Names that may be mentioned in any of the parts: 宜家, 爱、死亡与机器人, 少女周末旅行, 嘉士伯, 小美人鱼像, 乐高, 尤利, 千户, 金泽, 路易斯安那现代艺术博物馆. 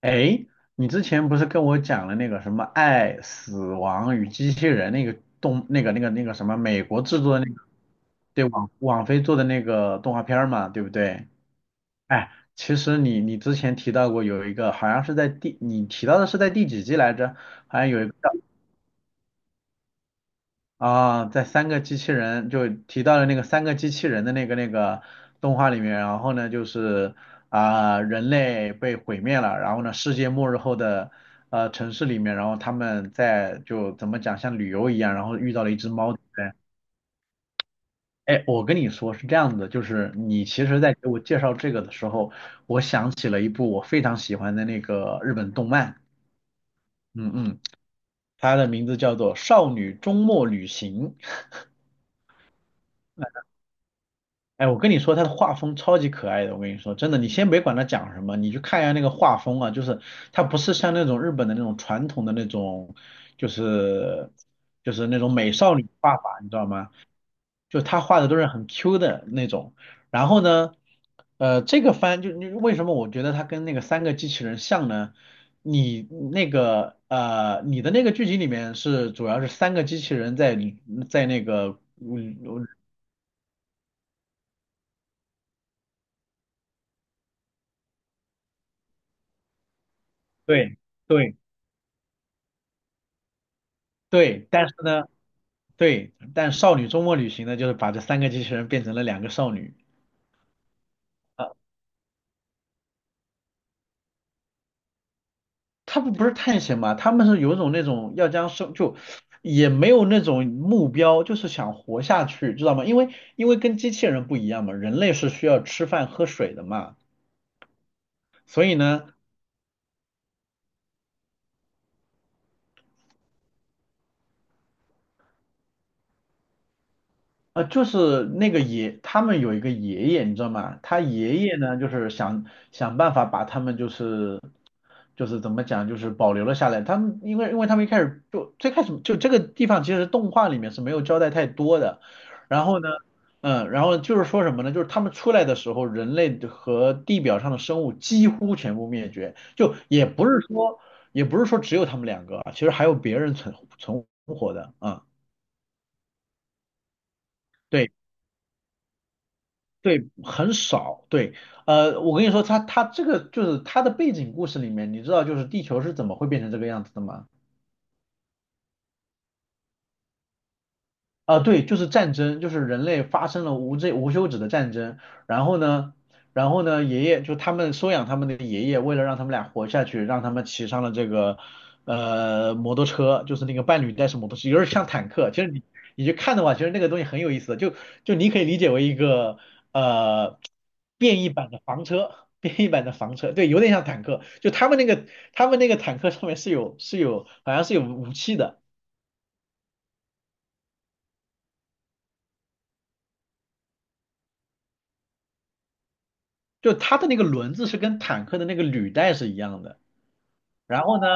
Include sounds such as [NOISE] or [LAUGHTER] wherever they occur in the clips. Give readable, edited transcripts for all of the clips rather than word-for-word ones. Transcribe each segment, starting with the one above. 哎，你之前不是跟我讲了那个什么《爱、死亡与机器人》那个动那个那个那个什么美国制作的那个对网飞做的那个动画片儿嘛，对不对？哎，其实你之前提到过有一个好像是你提到的是在第几季来着？好像有一个。啊，在三个机器人就提到了那个三个机器人的那个动画里面，然后呢就是人类被毁灭了，然后呢世界末日后的城市里面，然后他们在就怎么讲像旅游一样，然后遇到了一只猫，对不对？哎，我跟你说是这样子的，就是你其实在给我介绍这个的时候，我想起了一部我非常喜欢的那个日本动漫，嗯嗯，它的名字叫做《少女周末旅行》。哎，我跟你说，他的画风超级可爱的，我跟你说，真的，你先别管他讲什么，你去看一下那个画风啊，就是他不是像那种日本的那种传统的那种，就是就是那种美少女画法，你知道吗？就他画的都是很 Q 的那种。然后呢，这个番就你为什么我觉得他跟那个三个机器人像呢？你那个你的那个剧集里面是主要是三个机器人在那个嗯对。对对，但是呢，对，但少女周末旅行呢，就是把这三个机器人变成了两个少女。啊，他们不是探险嘛，他们是有一种那种要将生就也没有那种目标，就是想活下去，知道吗？因为跟机器人不一样嘛，人类是需要吃饭喝水的嘛，所以呢，就是那个爷，他们有一个爷爷，你知道吗？他爷爷呢，就是想想办法把他们就是。就是怎么讲，就是保留了下来。他们因为他们一开始就最开始就这个地方其实动画里面是没有交代太多的，然后呢，嗯，然后就是说什么呢？就是他们出来的时候，人类和地表上的生物几乎全部灭绝，就也不是说只有他们两个啊，其实还有别人存活的啊。对对，很少。对，我跟你说，他这个就是他的背景故事里面，你知道就是地球是怎么会变成这个样子的吗？啊，对，就是战争，就是人类发生了无休止的战争。然后呢，爷爷就他们收养他们的爷爷，为了让他们俩活下去，让他们骑上了这个摩托车，就是那个伴侣带式摩托车，有点像坦克。其实你去看的话，其实那个东西很有意思的，就你可以理解为一个呃变异版的房车，对，有点像坦克。就他们那个坦克上面是有是有好像是有武器的。就它的那个轮子是跟坦克的那个履带是一样的，然后呢，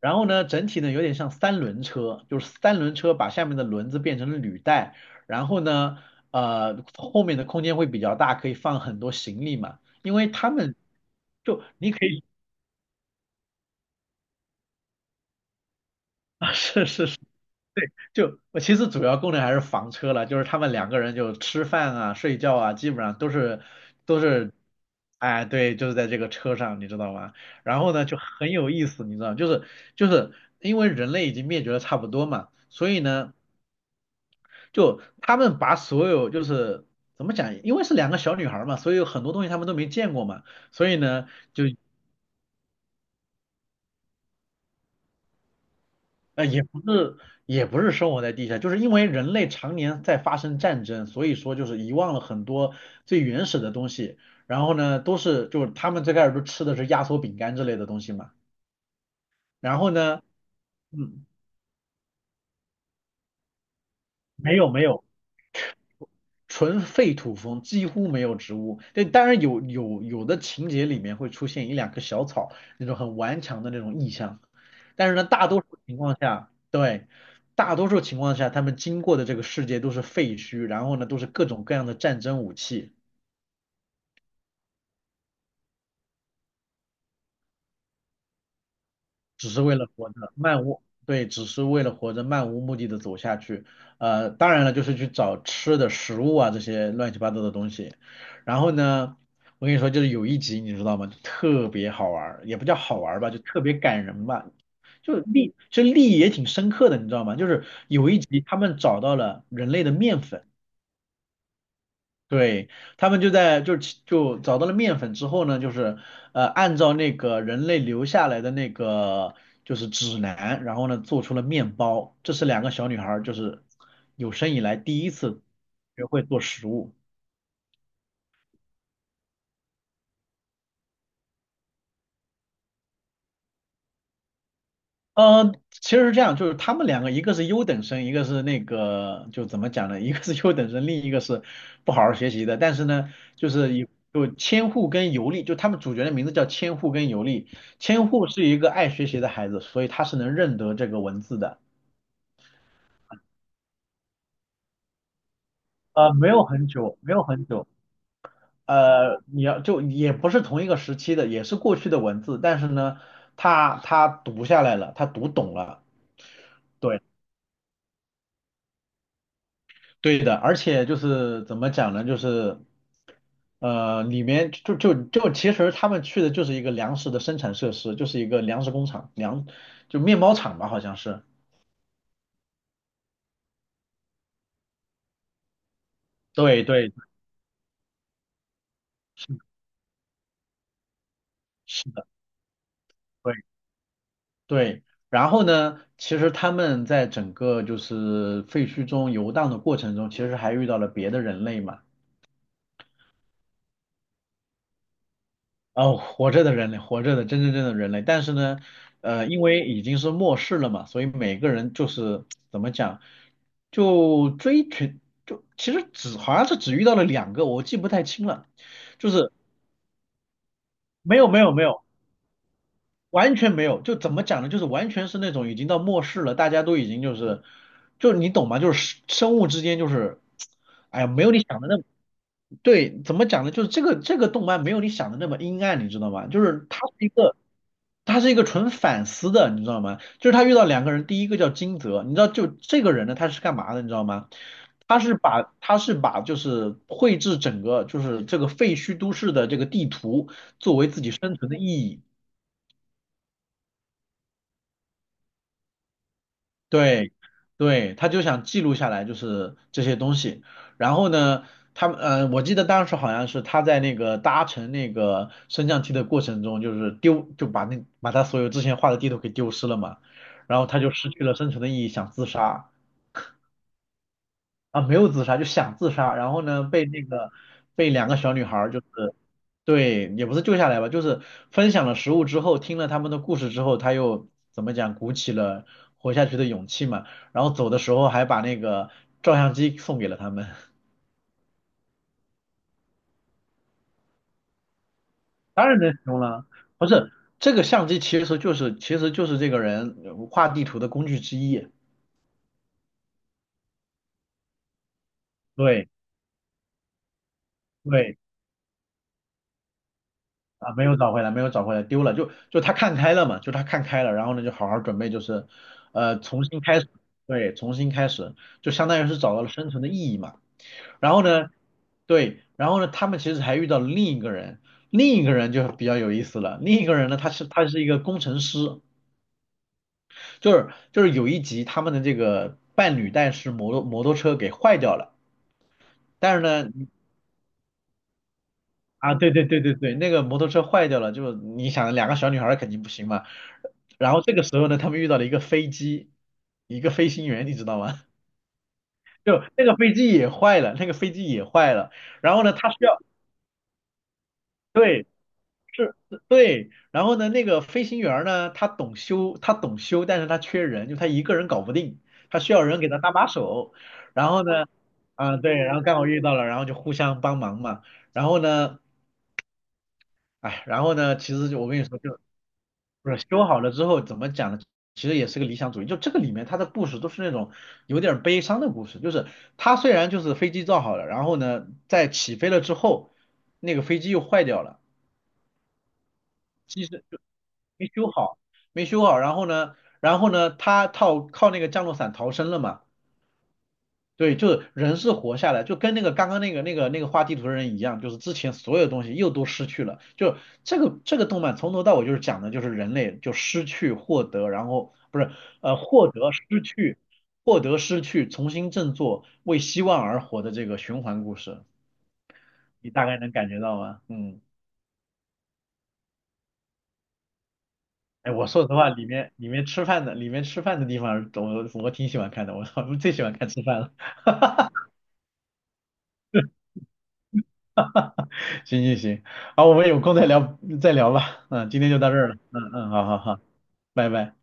整体呢有点像三轮车，就是三轮车把下面的轮子变成了履带，然后呢，后面的空间会比较大，可以放很多行李嘛，因为他们就你可以，[LAUGHS] 啊，是是是，对，就我其实主要功能还是房车了，就是他们两个人就吃饭啊、睡觉啊，基本上都是，哎，对，就是在这个车上，你知道吗？然后呢，就很有意思，你知道吗就是因为人类已经灭绝的差不多嘛，所以呢，就他们把所有就是怎么讲，因为是两个小女孩儿嘛，所以有很多东西他们都没见过嘛，所以呢。也不是，也不是生活在地下，就是因为人类常年在发生战争，所以说就是遗忘了很多最原始的东西。然后呢，都是就是他们最开始都吃的是压缩饼干之类的东西嘛。然后呢，嗯，没有没有，纯废土风，几乎没有植物。对，当然有的情节里面会出现一两棵小草，那种很顽强的那种意象。但是呢，大多数情况下，对，大多数情况下，他们经过的这个世界都是废墟，然后呢，都是各种各样的战争武器。只是为了活着，漫无，对，只是为了活着，漫无目的的走下去。当然了，就是去找吃的食物啊，这些乱七八糟的东西。然后呢，我跟你说，就是有一集你知道吗？就特别好玩儿，也不叫好玩儿吧，就特别感人吧，就立意也挺深刻的，你知道吗？就是有一集他们找到了人类的面粉。对，他们就在就其就找到了面粉之后呢，就是按照那个人类留下来的那个就是指南，然后呢做出了面包。这是两个小女孩儿就是有生以来第一次学会做食物。其实是这样，就是他们两个，一个是优等生，一个是那个，就怎么讲呢？[LAUGHS] 一个是优等生，另一个是不好好学习的。但是呢，就是有千户跟尤利，就他们主角的名字叫千户跟尤利。千户是一个爱学习的孩子，所以他是能认得这个文字的。没有很久，没有很久。你要就也不是同一个时期的，也是过去的文字，但是呢，他读下来了，他读懂了。对。对的，而且就是怎么讲呢？就是里面就就就其实他们去的就是一个粮食的生产设施，就是一个粮食工厂，就面包厂吧，好像是。对对，是的是的，对对。然后呢，其实他们在整个就是废墟中游荡的过程中，其实还遇到了别的人类嘛。哦，活着的人类，活着的真正的人类，但是呢，因为已经是末世了嘛，所以每个人就是怎么讲，就追寻，就其实只好像是只遇到了两个，我记不太清了，就是没有没有没有完全没有，就怎么讲呢？就是完全是那种已经到末世了，大家都已经就是，就你懂吗？就是生物之间就是，哎呀，没有你想的那么，对，怎么讲呢？就是这个动漫没有你想的那么阴暗，你知道吗？就是它是一个，它是一个纯反思的，你知道吗？就是他遇到两个人，第一个叫金泽，你知道就这个人呢，他是干嘛的，你知道吗？他是把就是绘制整个就是这个废墟都市的这个地图作为自己生存的意义。对，对，他就想记录下来，就是这些东西。然后呢，他们我记得当时好像是他在那个搭乘那个升降梯的过程中，就是丢，就把他所有之前画的地图给丢失了嘛，然后他就失去了生存的意义，想自杀。啊，没有自杀，就想自杀，然后呢，被两个小女孩儿就是对，也不是救下来吧，就是分享了食物之后，听了他们的故事之后，他又怎么讲，鼓起了活下去的勇气嘛，然后走的时候还把那个照相机送给了他们，[LAUGHS] 当然能使用了，不是这个相机其实就是这个人画地图的工具之一，对对。啊，没有找回来，没有找回来，丢了，就他看开了嘛，就他看开了，然后呢，就好好准备，就是，重新开始，对，重新开始，就相当于是找到了生存的意义嘛。然后呢，对，然后呢，他们其实还遇到了另一个人，另一个人就比较有意思了。另一个人呢，他是一个工程师，就是有一集他们的这个伴侣带是摩托车给坏掉了，但是呢，啊，对对对对对，那个摩托车坏掉了，就是你想两个小女孩儿肯定不行嘛。然后这个时候呢，他们遇到了一个飞机，一个飞行员，你知道吗？[LAUGHS] 就那个飞机也坏了，那个飞机也坏了。然后呢，他需要，对，是，对。然后呢，那个飞行员儿呢，他懂修，他懂修，但是他缺人，就他一个人搞不定，他需要人给他搭把手。然后呢，啊，对，然后刚好遇到了，然后就互相帮忙嘛。然后呢，哎，然后呢，其实就我跟你说，就。不是修好了之后怎么讲呢？其实也是个理想主义，就这个里面它的故事都是那种有点儿悲伤的故事，就是它虽然就是飞机造好了，然后呢，在起飞了之后，那个飞机又坏掉了，机身没修好，没修好，然后呢，然后呢，他靠那个降落伞逃生了嘛。对，就是人是活下来，就跟那个刚刚那个画地图的人一样，就是之前所有东西又都失去了。就这个动漫从头到尾就是讲的就是人类就失去、获得，然后不是获得、失去、获得、失去，重新振作，为希望而活的这个循环故事，你大概能感觉到吗？嗯，哎，我说实话，里面吃饭的地方，我挺喜欢看的，我 [LAUGHS] 我最喜欢看吃饭了。[LAUGHS] 行行行，好，我们有空再聊吧。嗯，今天就到这儿了。嗯嗯，好好好，拜拜。